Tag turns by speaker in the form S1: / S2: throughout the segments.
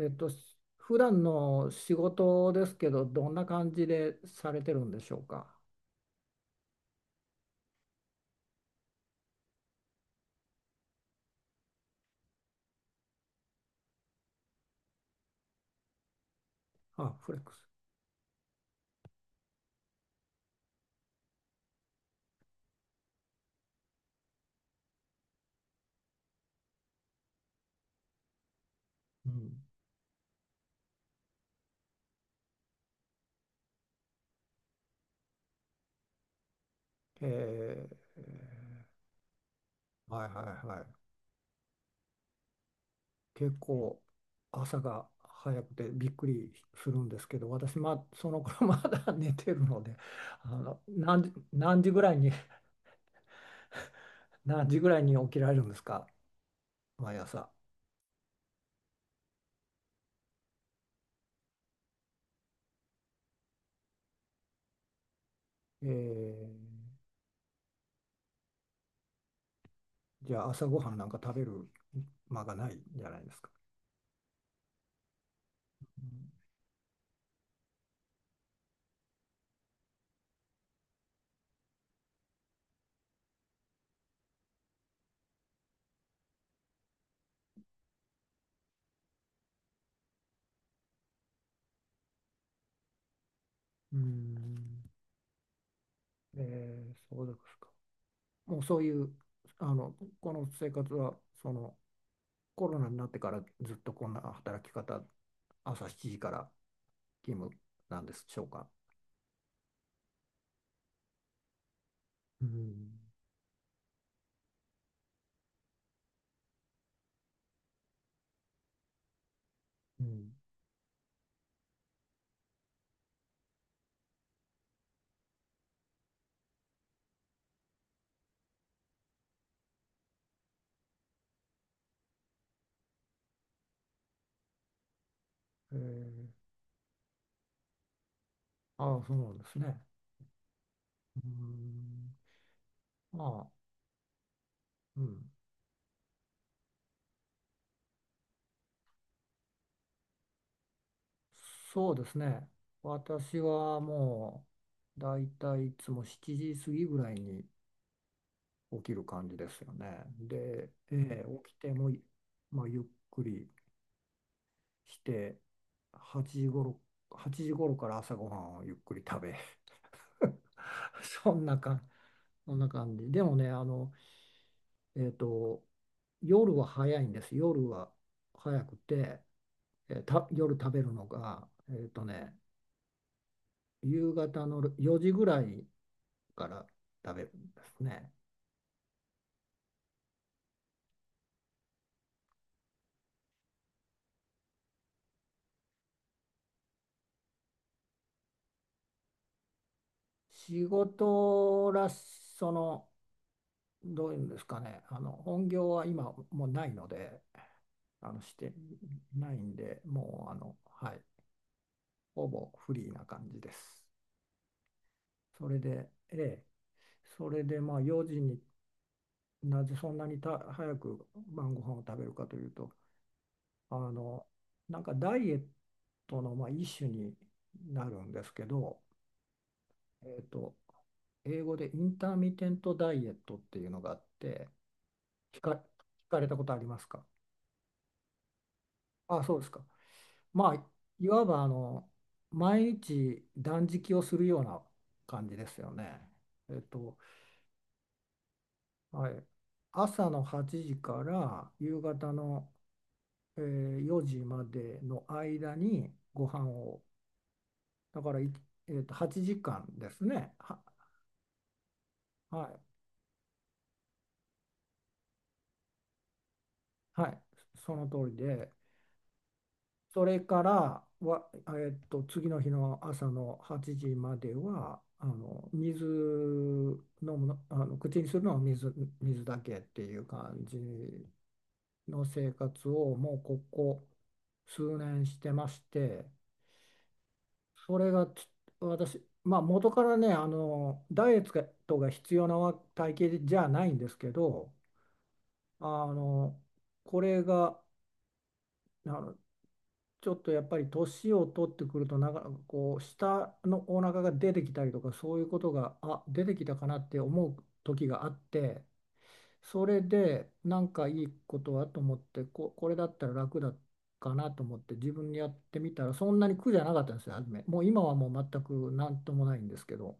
S1: 普段の仕事ですけど、どんな感じでされてるんでしょうか。あ、フレックス。うん。えー、はいはいはい。結構朝が早くてびっくりするんですけど、私、まあ、その頃 まだ寝てるので、あの、何時、何時ぐらいに、何時ぐらいに起きられるんですか、毎朝。えー、じゃあ朝ごはんなんか食べる間がないんじゃないですか。うん。うん。そうですか。もうそういう、あの、この生活は、コロナになってからずっとこんな働き方、朝7時から勤務なんでしょうか。うん、うん、えー、ああ、そうなんですね。うん、まあ、うん、そうですね。私はもう、だいたいいつも7時過ぎぐらいに起きる感じですよね。で、起きても、まあ、ゆっくりして、8時頃、8時頃から朝ごはんをゆっくり食べ、そんな感じ、そんな感じ。でもね、えっと、夜は早いんです。夜は早くて、えーた、夜食べるのが、夕方の4時ぐらいから食べるんですね。仕事らし、その、どういうんですかね、本業は今もうないので、してないんで、もうはい、ほぼフリーな感じです。それで、ええ、それでまあ4時になぜそんなに早く晩ご飯を食べるかというと、あの、なんかダイエットのまあ一種になるんですけど、えっと、英語でインターミテントダイエットっていうのがあって、聞かれたことありますか？あ、そうですか。まあ、いわば毎日断食をするような感じですよね。えっと、はい、朝の8時から夕方の、4時までの間にご飯を、だからい、えーと、8時間ですね。はい、はい、その通りで、それからは、次の日の朝の8時までは、あの水飲むの、あの口にするのは水だけっていう感じの生活をもうここ数年してまして。それがち私、まあ、元からねダイエットが必要な体型じゃないんですけど、あのこれがあのちょっとやっぱり年を取ってくると、なんかこう下のお腹が出てきたりとかそういうことが出てきたかなって思う時があって、それでなんかいいことはと思ってこれだったら楽だかなと思って自分でやってみたら、そんなに苦じゃなかったんですよ、初め。もう今はもう全く何ともないんですけど。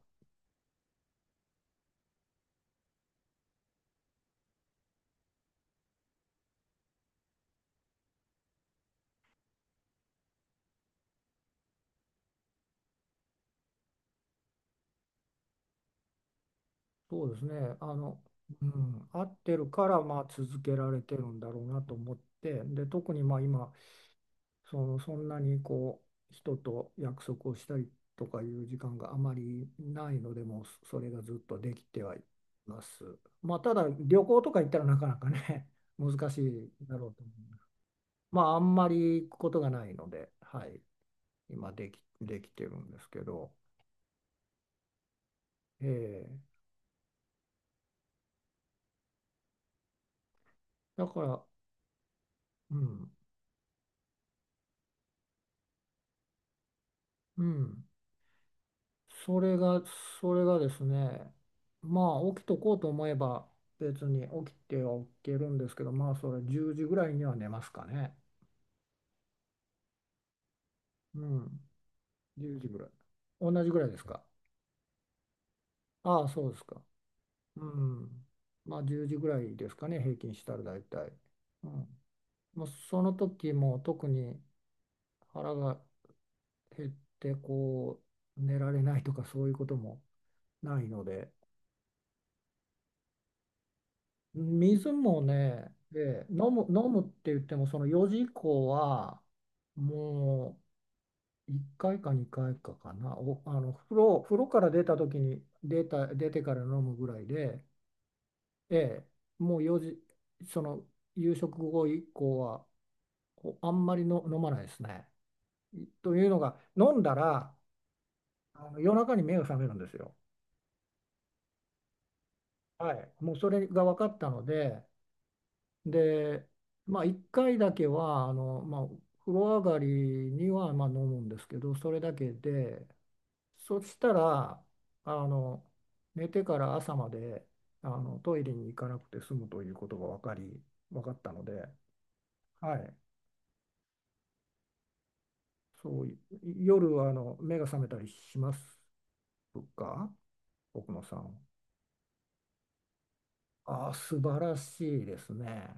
S1: そうですね。あの、うん、合ってるからまあ続けられてるんだろうなと思って、で、特にまあ今、そんなに人と約束をしたりとかいう時間があまりないので、もうそれがずっとできてはいます。まあ、ただ旅行とか行ったらなかなかね、難しいだろうと思います。まあ、あんまり行くことがないので、はい、今できてるんですけど、ええ。だから、うん、うん。それが、それがですね、まあ起きとこうと思えば別に起きては起きるんですけど、まあそれ10時ぐらいには寝ますかね。うん。1時ぐらい。同じぐらいですか。ああ、そうですか。うん。まあ10時ぐらいですかね、平均したら大体。うん。まあ、その時も特に腹が減ってこう寝られないとかそういうこともないので、水もね、飲むって言っても、その4時以降は、もう1回か2回かいかかな。お、あの風呂から出た時に出てから飲むぐらいで、ええ。もう4時、その夕食後以降は、あんまりの飲まないですね。というのが、飲んだら、夜中に目が覚めるんですよ。はい、もうそれが分かったので、で、まあ、1回だけはまあ、風呂上がりにはまあ飲むんですけど、それだけで、そしたらあの寝てから朝までトイレに行かなくて済むということが分かったので、はい。そうい夜は目が覚めたりしますか、奥野さん。ああ、素晴らしいですね。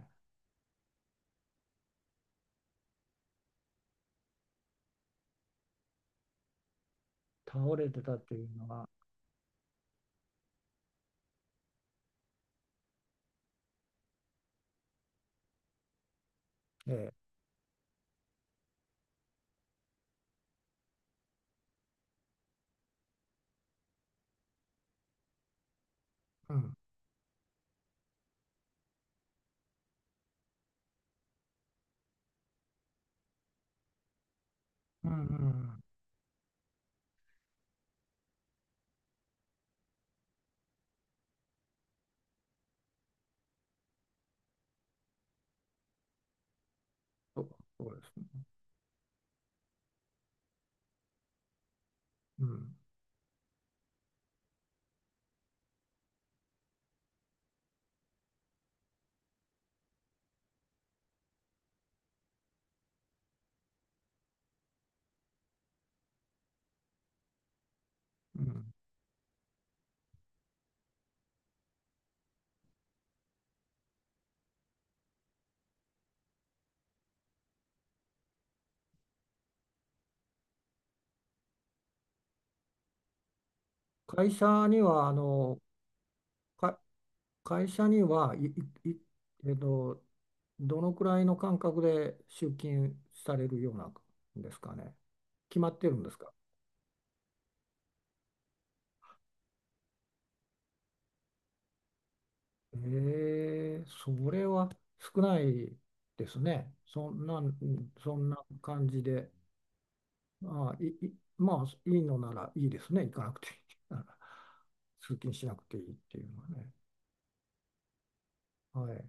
S1: 倒れてたっていうのは。ええ、うん、うんうんうん、そう、そうですね。うん、うん。会社には、あの、か、会社には、い、い、いえっと、どのくらいの間隔で出勤されるようなんですかね。決まってるんですか。えそれは少ないですね。そんな感じで、ああ、まあ、いいのならいいですね。行かなくていい。通勤しなくていいっていうのはね。はい。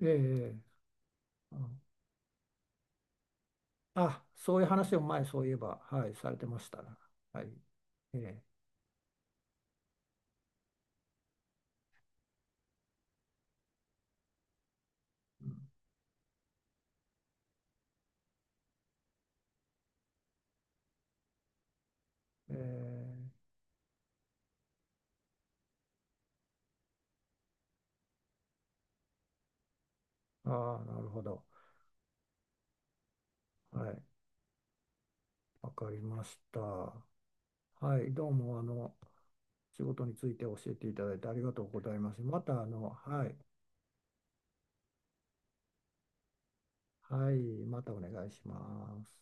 S1: ええ、ああ、そういう話を前、そういえば、はい、されてましたな。はい。ええ、うん、ええ、ああ、なるほど。はい、わかりました。はい、どうも、仕事について教えていただいてありがとうございます。また、はい、はい、またお願いします。